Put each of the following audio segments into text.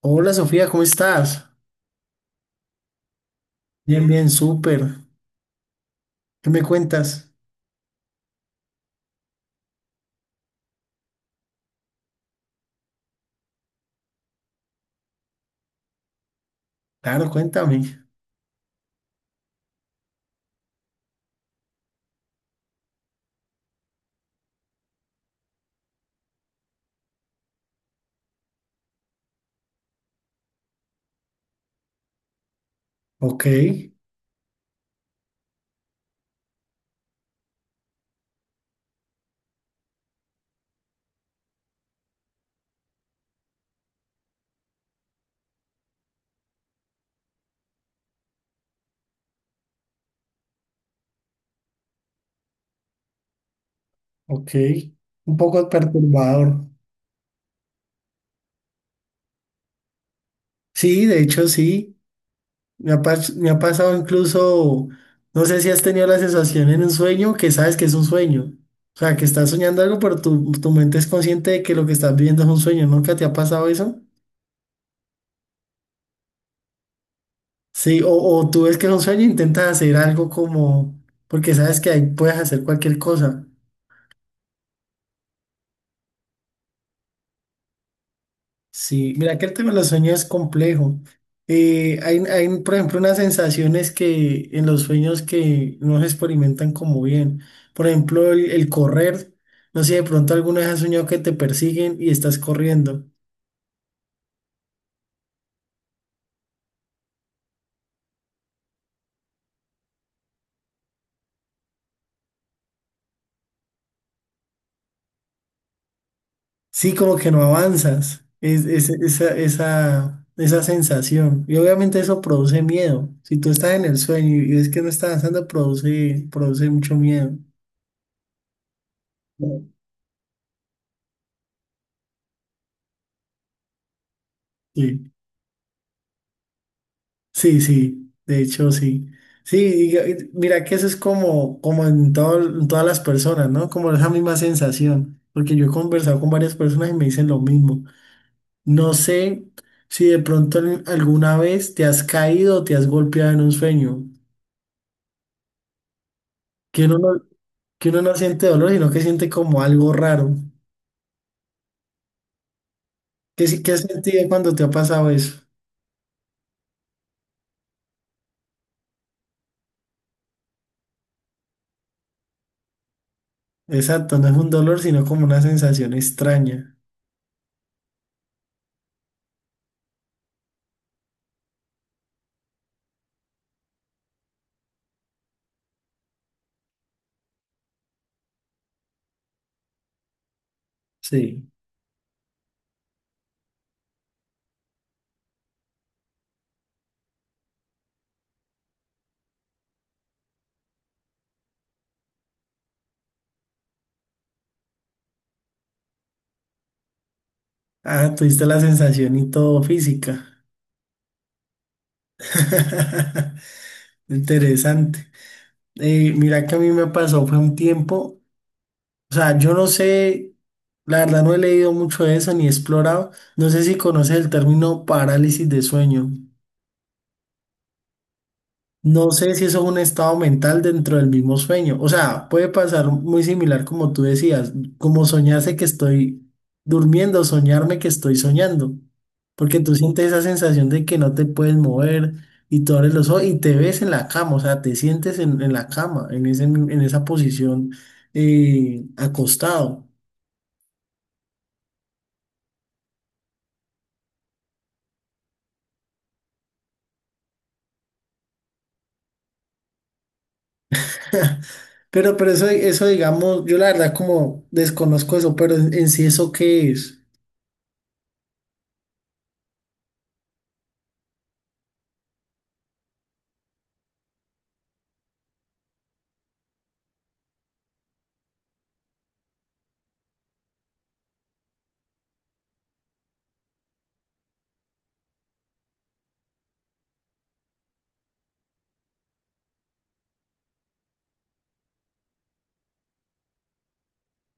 Hola Sofía, ¿cómo estás? Bien, bien, súper. ¿Qué me cuentas? Claro, cuéntame. Ok, ok. Un poco perturbador. Sí, de hecho sí. Me ha pasado incluso, no sé si has tenido la sensación en un sueño que sabes que es un sueño. O sea, que estás soñando algo, pero tu mente es consciente de que lo que estás viviendo es un sueño. ¿Nunca te ha pasado eso? Sí, o tú ves que es un sueño e intentas hacer algo como, porque sabes que ahí puedes hacer cualquier cosa. Sí, mira que el tema de los sueños es complejo. Hay, por ejemplo, unas sensaciones que en los sueños que no se experimentan como bien. Por ejemplo, el correr. No sé si de pronto alguna vez has soñado que te persiguen y estás corriendo. Sí, como que no avanzas. Esa, esa, esa sensación. Y obviamente eso produce miedo. Si tú estás en el sueño y ves que no estás avanzando, produce mucho miedo. Sí. Sí, sí, de hecho sí. Sí, y mira que eso es como, como en, todo, en todas las personas, ¿no? Como esa misma sensación, porque yo he conversado con varias personas y me dicen lo mismo. No sé si de pronto alguna vez te has caído o te has golpeado en un sueño, que uno no, que uno no siente dolor, sino que siente como algo raro. ¿Qué, si- ¿qué has sentido cuando te ha pasado eso? Exacto, no es un dolor, sino como una sensación extraña. Sí. Ah, tuviste la sensación y todo física. Interesante. Mira que a mí me pasó, fue un tiempo, o sea, yo no sé, la verdad no he leído mucho de eso ni he explorado, no sé si conoces el término parálisis de sueño. No sé si eso es un estado mental dentro del mismo sueño. O sea, puede pasar muy similar como tú decías, como soñarse que estoy durmiendo, soñarme que estoy soñando. Porque tú sientes esa sensación de que no te puedes mover y tú abres los ojos y te ves en la cama, o sea, te sientes en la cama, en ese, en esa posición acostado. Pero eso, eso, digamos, yo la verdad como desconozco eso, pero en sí eso qué es.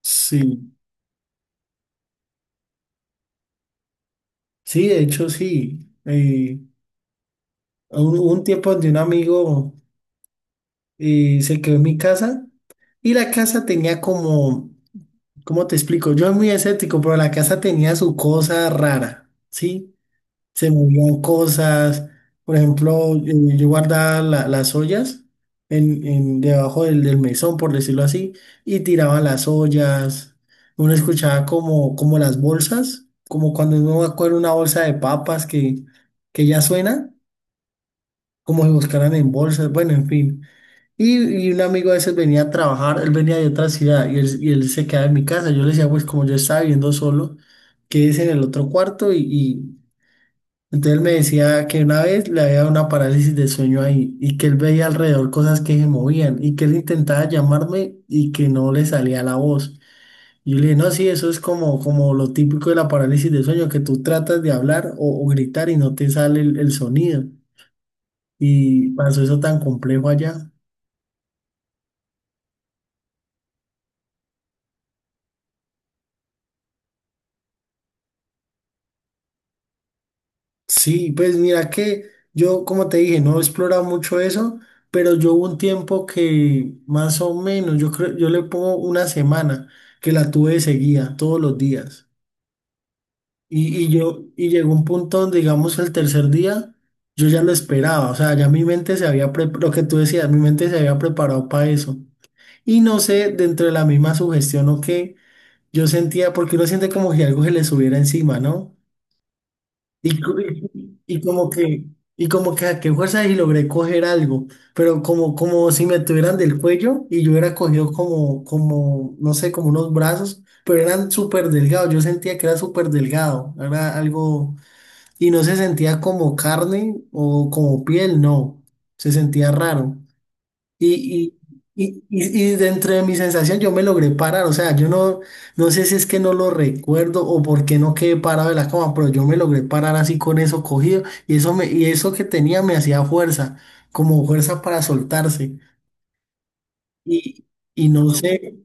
Sí, sí, de hecho sí. Un tiempo donde un amigo se quedó en mi casa y la casa tenía como, ¿cómo te explico? Yo soy muy escéptico, pero la casa tenía su cosa rara, ¿sí? Se movían cosas, por ejemplo, yo guardaba las ollas en, debajo del mesón, por decirlo así, y tiraba las ollas, uno escuchaba como, como las bolsas, como cuando uno va a coger una bolsa de papas que ya suena como si buscaran en bolsas, bueno, en fin. Y un amigo a veces venía a trabajar, él venía de otra ciudad y él se quedaba en mi casa. Yo le decía, pues como yo estaba viviendo solo, quédese en el otro cuarto entonces él me decía que una vez le había dado una parálisis de sueño ahí y que él veía alrededor cosas que se movían y que él intentaba llamarme y que no le salía la voz. Y yo le dije, no, sí, eso es como, como lo típico de la parálisis de sueño, que tú tratas de hablar o gritar y no te sale el sonido. Y pasó eso tan complejo allá. Sí, pues mira que yo, como te dije, no he explorado mucho eso, pero yo hubo un tiempo que más o menos, yo creo, yo le pongo una semana que la tuve de seguida todos los días. Y llegó un punto donde, digamos, el tercer día, yo ya lo esperaba, o sea, ya mi mente se había, lo que tú decías, mi mente se había preparado para eso. Y no sé, dentro de la misma sugestión o qué, yo sentía, porque uno siente como si algo se le subiera encima, ¿no? Y como que, y como que a qué fuerza y logré coger algo, pero como, como si me tuvieran del cuello y yo hubiera cogido como, como, no sé, como unos brazos, pero eran súper delgados, yo sentía que era súper delgado, era algo, y no se sentía como carne o como piel, no, se sentía raro. Y, y, y dentro de mi sensación yo me logré parar, o sea, yo no, no sé si es que no lo recuerdo o por qué no quedé parado de la cama, pero yo me logré parar así con eso cogido y eso, me, y eso que tenía me hacía fuerza, como fuerza para soltarse. Y, y no sé,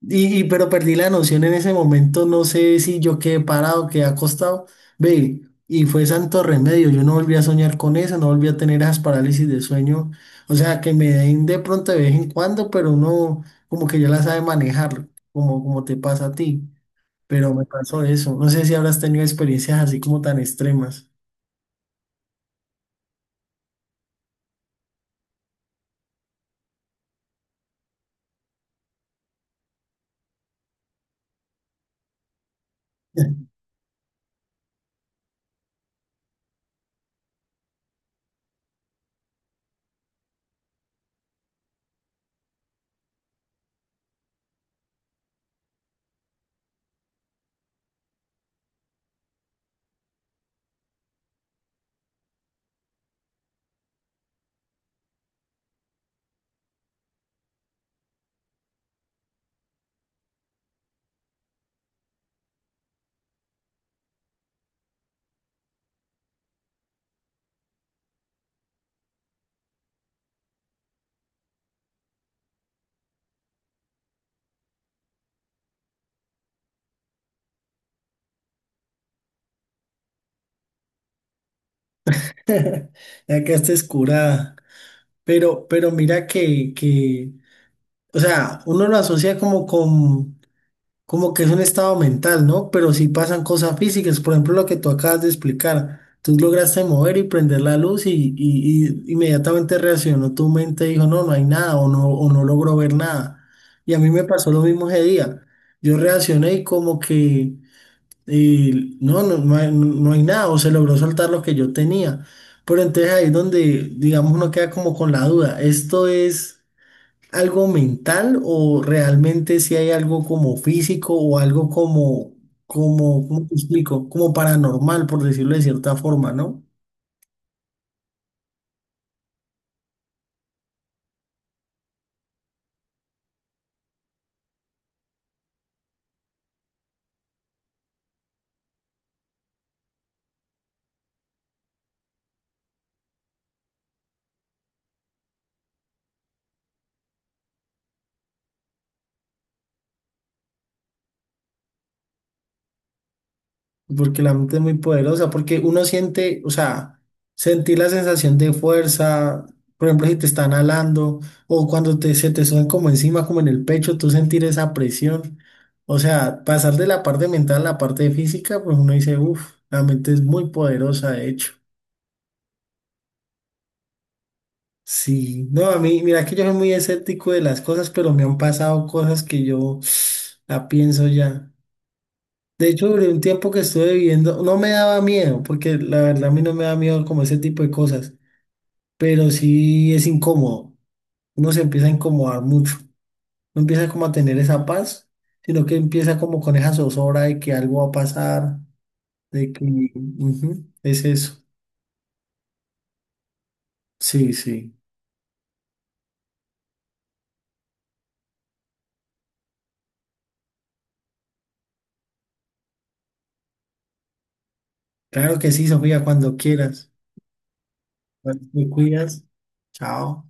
pero perdí la noción en ese momento, no sé si yo quedé parado, quedé acostado, ve, y fue santo remedio, yo no volví a soñar con eso, no volví a tener esas parálisis de sueño, o sea, que me den de pronto de vez en cuando, pero uno como que ya la sabe manejar, como, como te pasa a ti, pero me pasó eso, no sé si habrás tenido experiencias así como tan extremas. Ya quedaste escurada, pero mira que, o sea, uno lo asocia como con... como que es un estado mental, ¿no? Pero sí pasan cosas físicas, por ejemplo, lo que tú acabas de explicar. Tú lograste mover y prender la luz y inmediatamente reaccionó tu mente y dijo, no, no hay nada o no, o no logro ver nada. Y a mí me pasó lo mismo ese día. Yo reaccioné y como que eh, no, no, no hay, no hay nada o se logró soltar lo que yo tenía. Pero entonces ahí es donde, digamos, uno queda como con la duda. Esto es algo mental o realmente si hay algo como físico o algo como, como, ¿cómo te explico? Como paranormal, por decirlo de cierta forma, ¿no? Porque la mente es muy poderosa, porque uno siente, o sea, sentir la sensación de fuerza, por ejemplo, si te están alando o cuando te, se te suben como encima, como en el pecho, tú sentir esa presión. O sea, pasar de la parte mental a la parte física, pues uno dice, uff, la mente es muy poderosa, de hecho. Sí, no, a mí, mira que yo soy muy escéptico de las cosas, pero me han pasado cosas que yo la pienso ya. De hecho, durante un tiempo que estuve viviendo, no me daba miedo, porque la verdad a mí no me da miedo como ese tipo de cosas, pero sí es incómodo. Uno se empieza a incomodar mucho, no empieza como a tener esa paz, sino que empieza como con esa zozobra de que algo va a pasar, de que ujú, es eso. Sí, sí. Claro que sí, Sofía, cuando quieras. Te cuidas. Chao.